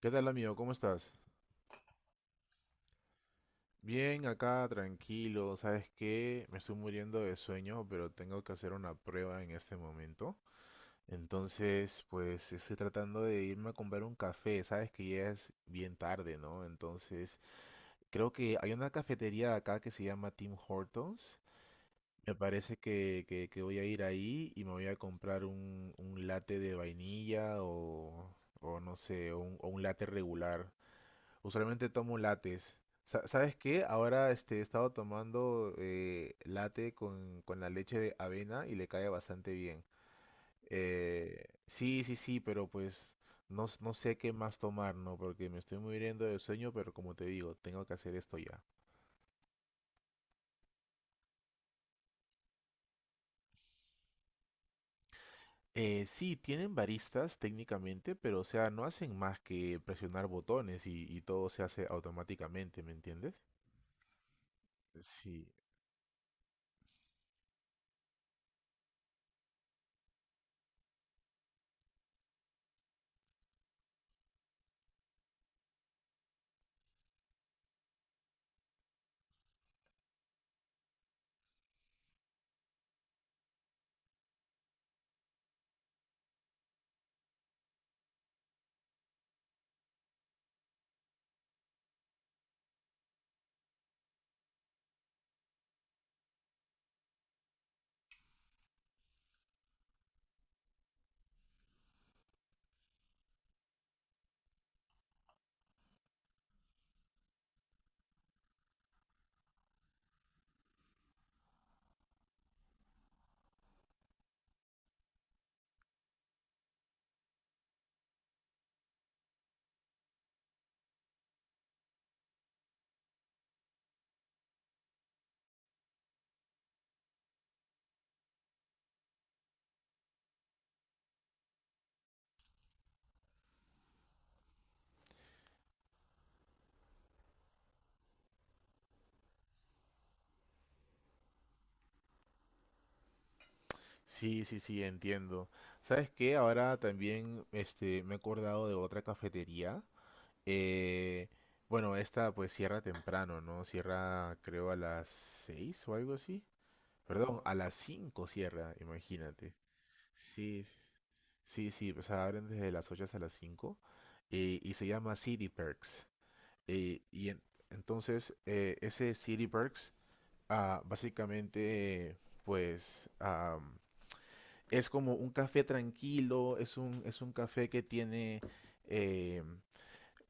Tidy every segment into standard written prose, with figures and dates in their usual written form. ¿Qué tal, amigo? ¿Cómo estás? Bien, acá tranquilo. ¿Sabes qué? Me estoy muriendo de sueño, pero tengo que hacer una prueba en este momento. Entonces, pues estoy tratando de irme a comprar un café. Sabes que ya es bien tarde, ¿no? Entonces, creo que hay una cafetería acá que se llama Tim Hortons. Me parece que voy a ir ahí y me voy a comprar un latte de vainilla o no sé, o un latte regular. Usualmente tomo lates. ¿Sabes qué? Ahora este, he estado tomando latte con la leche de avena y le cae bastante bien. Sí, sí, sí, pero pues no sé qué más tomar, ¿no? Porque me estoy muriendo de sueño, pero como te digo, tengo que hacer esto ya. Sí, tienen baristas técnicamente, pero o sea, no hacen más que presionar botones y todo se hace automáticamente, ¿me entiendes? Sí. Sí, sí, sí, entiendo. ¿Sabes qué? Ahora también este, me he acordado de otra cafetería. Eh, bueno, esta pues cierra temprano, ¿no? Cierra creo a las 6 o algo así. Perdón, a las 5 cierra, imagínate. Sí, s- sí, sí, o sea, abren desde las 8 hasta las 5. Y se llama City Perks. Eh, y en- entonces, ese City Perks, básicamente, pues... es como un café tranquilo, es un café que tiene eh,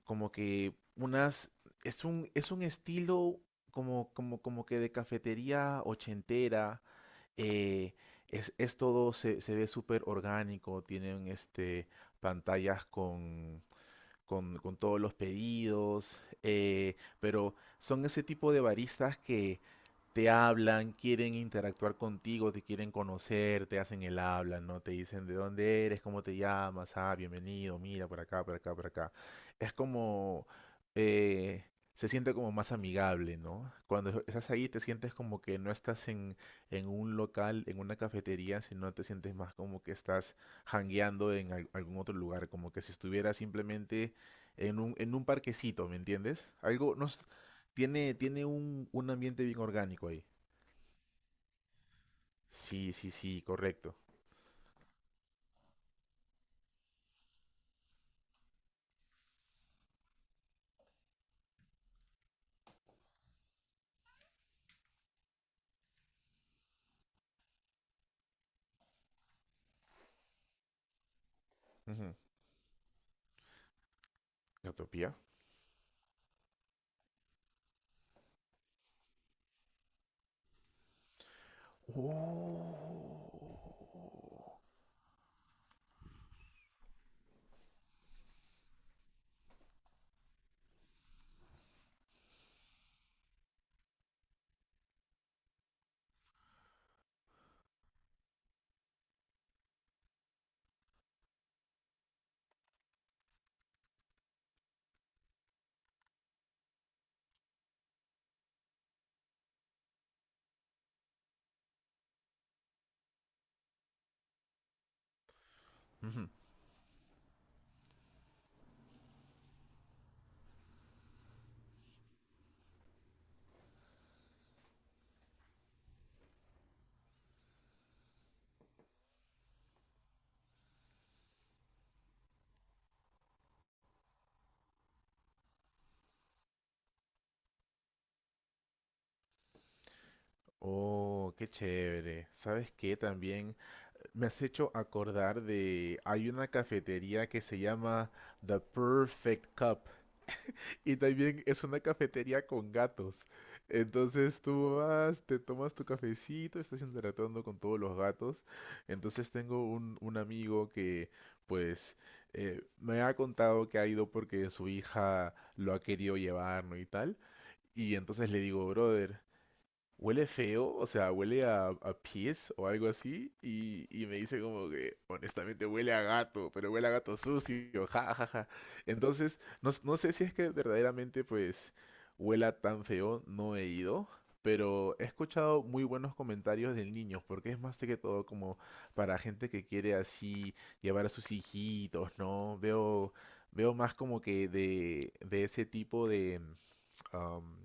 como que unas, es un estilo como que de cafetería ochentera, eh, es todo, se ve súper orgánico, tienen este, pantallas con, con todos los pedidos, pero son ese tipo de baristas que te hablan, quieren interactuar contigo, te quieren conocer, te hacen el habla, ¿no? Te dicen de dónde eres, cómo te llamas, ah, bienvenido, mira, por acá, por acá, por acá. Es como, eh, se siente como más amigable, ¿no? Cuando estás ahí te sientes como que no estás en un local, en una cafetería, sino te sientes más como que estás hangueando en algún otro lugar, como que si estuvieras simplemente en un parquecito, ¿me entiendes? Algo, no, s- tiene, un ambiente bien orgánico ahí. Sí, sí, sí, correcto. Ujú. Gatopía. Oh. Ujú. Oh, qué chévere. ¿Sabes qué? También me has hecho acordar de... Hay una cafetería que se llama The Perfect Cup. Y también es una cafetería con gatos. Entonces tú vas, te tomas tu cafecito, estás interactuando con todos los gatos. Entonces tengo un amigo que pues me ha contado que ha ido porque su hija lo ha querido llevar, ¿no? Y tal. Y entonces le digo, brother, huele feo, o sea, huele a pies o algo así, y me dice como que, honestamente, huele a gato, pero huele a gato sucio, ja, ja, ja. Entonces, no sé si es que verdaderamente, pues, huela tan feo, no he ido, pero he escuchado muy buenos comentarios del niño, porque es más que todo como para gente que quiere así llevar a sus hijitos, ¿no? Veo, veo más como que de ese tipo de... am,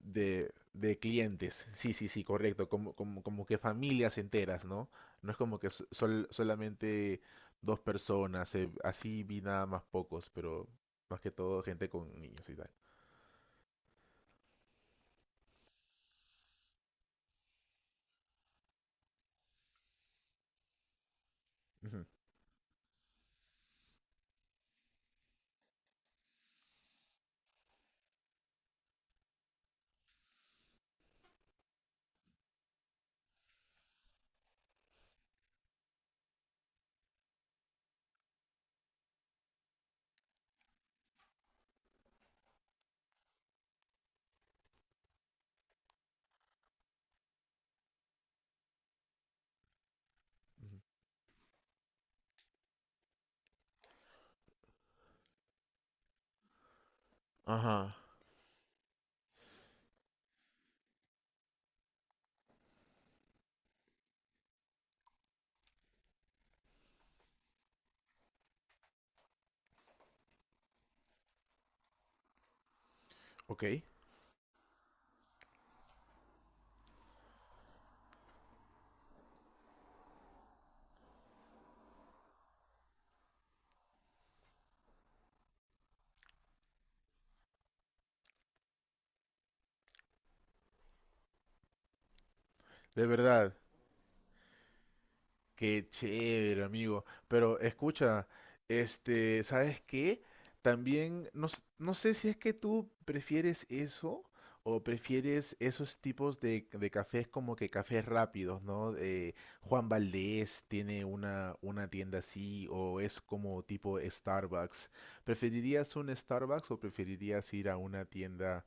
de clientes. Sí, sí, sí, correcto. Como, como, como que familias enteras, ¿no? No es como que solamente dos personas. Así vi nada más pocos, pero más que todo gente con niños y tal. Ujú, ujú. Ajá. Ok, de verdad. Qué chévere, amigo. Pero escucha, este, ¿sabes qué? También, no sé si es que tú prefieres eso o prefieres esos tipos de cafés como que cafés rápidos, ¿no? Juan Valdez tiene una tienda así o es como tipo Starbucks. ¿Preferirías un Starbucks o preferirías ir a una tienda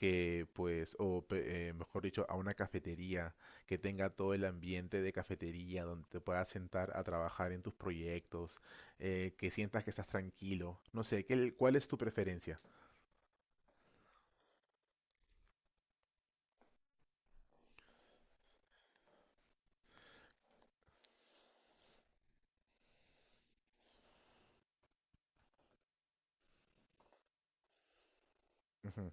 que pues, o mejor dicho, a una cafetería que tenga todo el ambiente de cafetería, donde te puedas sentar a trabajar en tus proyectos, que sientas que estás tranquilo. No sé, ¿cuál es tu preferencia? Ujú.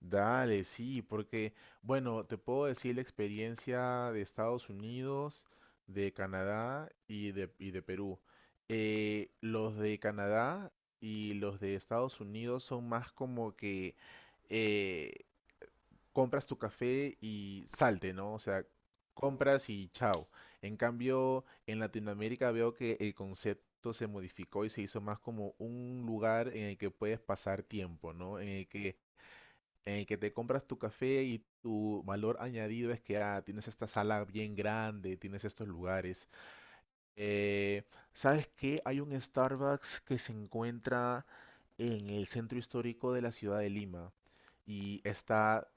Dale, sí, porque, bueno, te puedo decir la experiencia de Estados Unidos, de Canadá y de Perú. Los de Canadá y los de Estados Unidos son más como que eh, compras tu café y salte, ¿no? O sea, compras y chao. En cambio, en Latinoamérica veo que el concepto se modificó y se hizo más como un lugar en el que puedes pasar tiempo, ¿no? En el que te compras tu café y tu valor añadido es que ah, tienes esta sala bien grande, tienes estos lugares. Eh, ¿Sabes qué? Hay un Starbucks que se encuentra en el centro histórico de la ciudad de Lima y está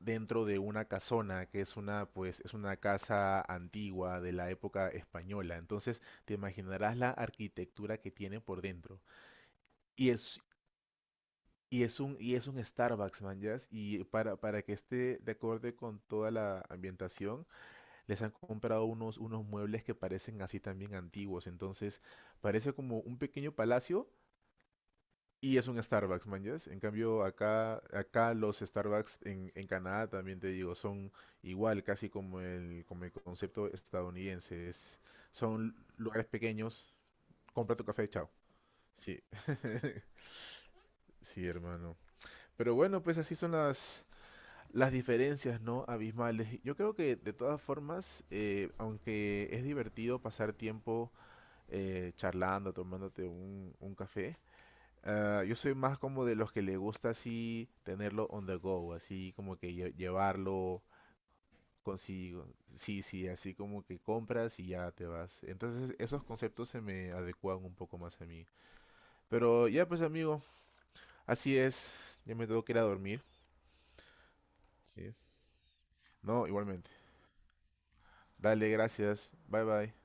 dentro de una casona, que es una, pues, es una casa antigua de la época española. Entonces, te imaginarás la arquitectura que tiene por dentro. Y es, y es un Starbucks, man, ya. Y para que esté de acorde con toda la ambientación, les han comprado unos muebles que parecen así también antiguos. Entonces, parece como un pequeño palacio. Y es un Starbucks, man, ¿yes? En cambio, acá los Starbucks en Canadá también te digo, son igual, casi como como el concepto estadounidense. Son lugares pequeños, compra tu café, chao. Sí, sí, hermano. Pero bueno, pues así son las diferencias, ¿no? Abismales. Yo creo que de todas formas, aunque es divertido pasar tiempo charlando, tomándote un café, ah, yo soy más como de los que le gusta así tenerlo on the go, así como que llevarlo consigo. Sí, sí, así como que compras y ya te vas. Entonces esos conceptos se me adecuan un poco más a mí. Pero ya pues amigo, así es. Ya me tengo que ir a dormir. Sí. No, igualmente. Dale, gracias. Bye bye.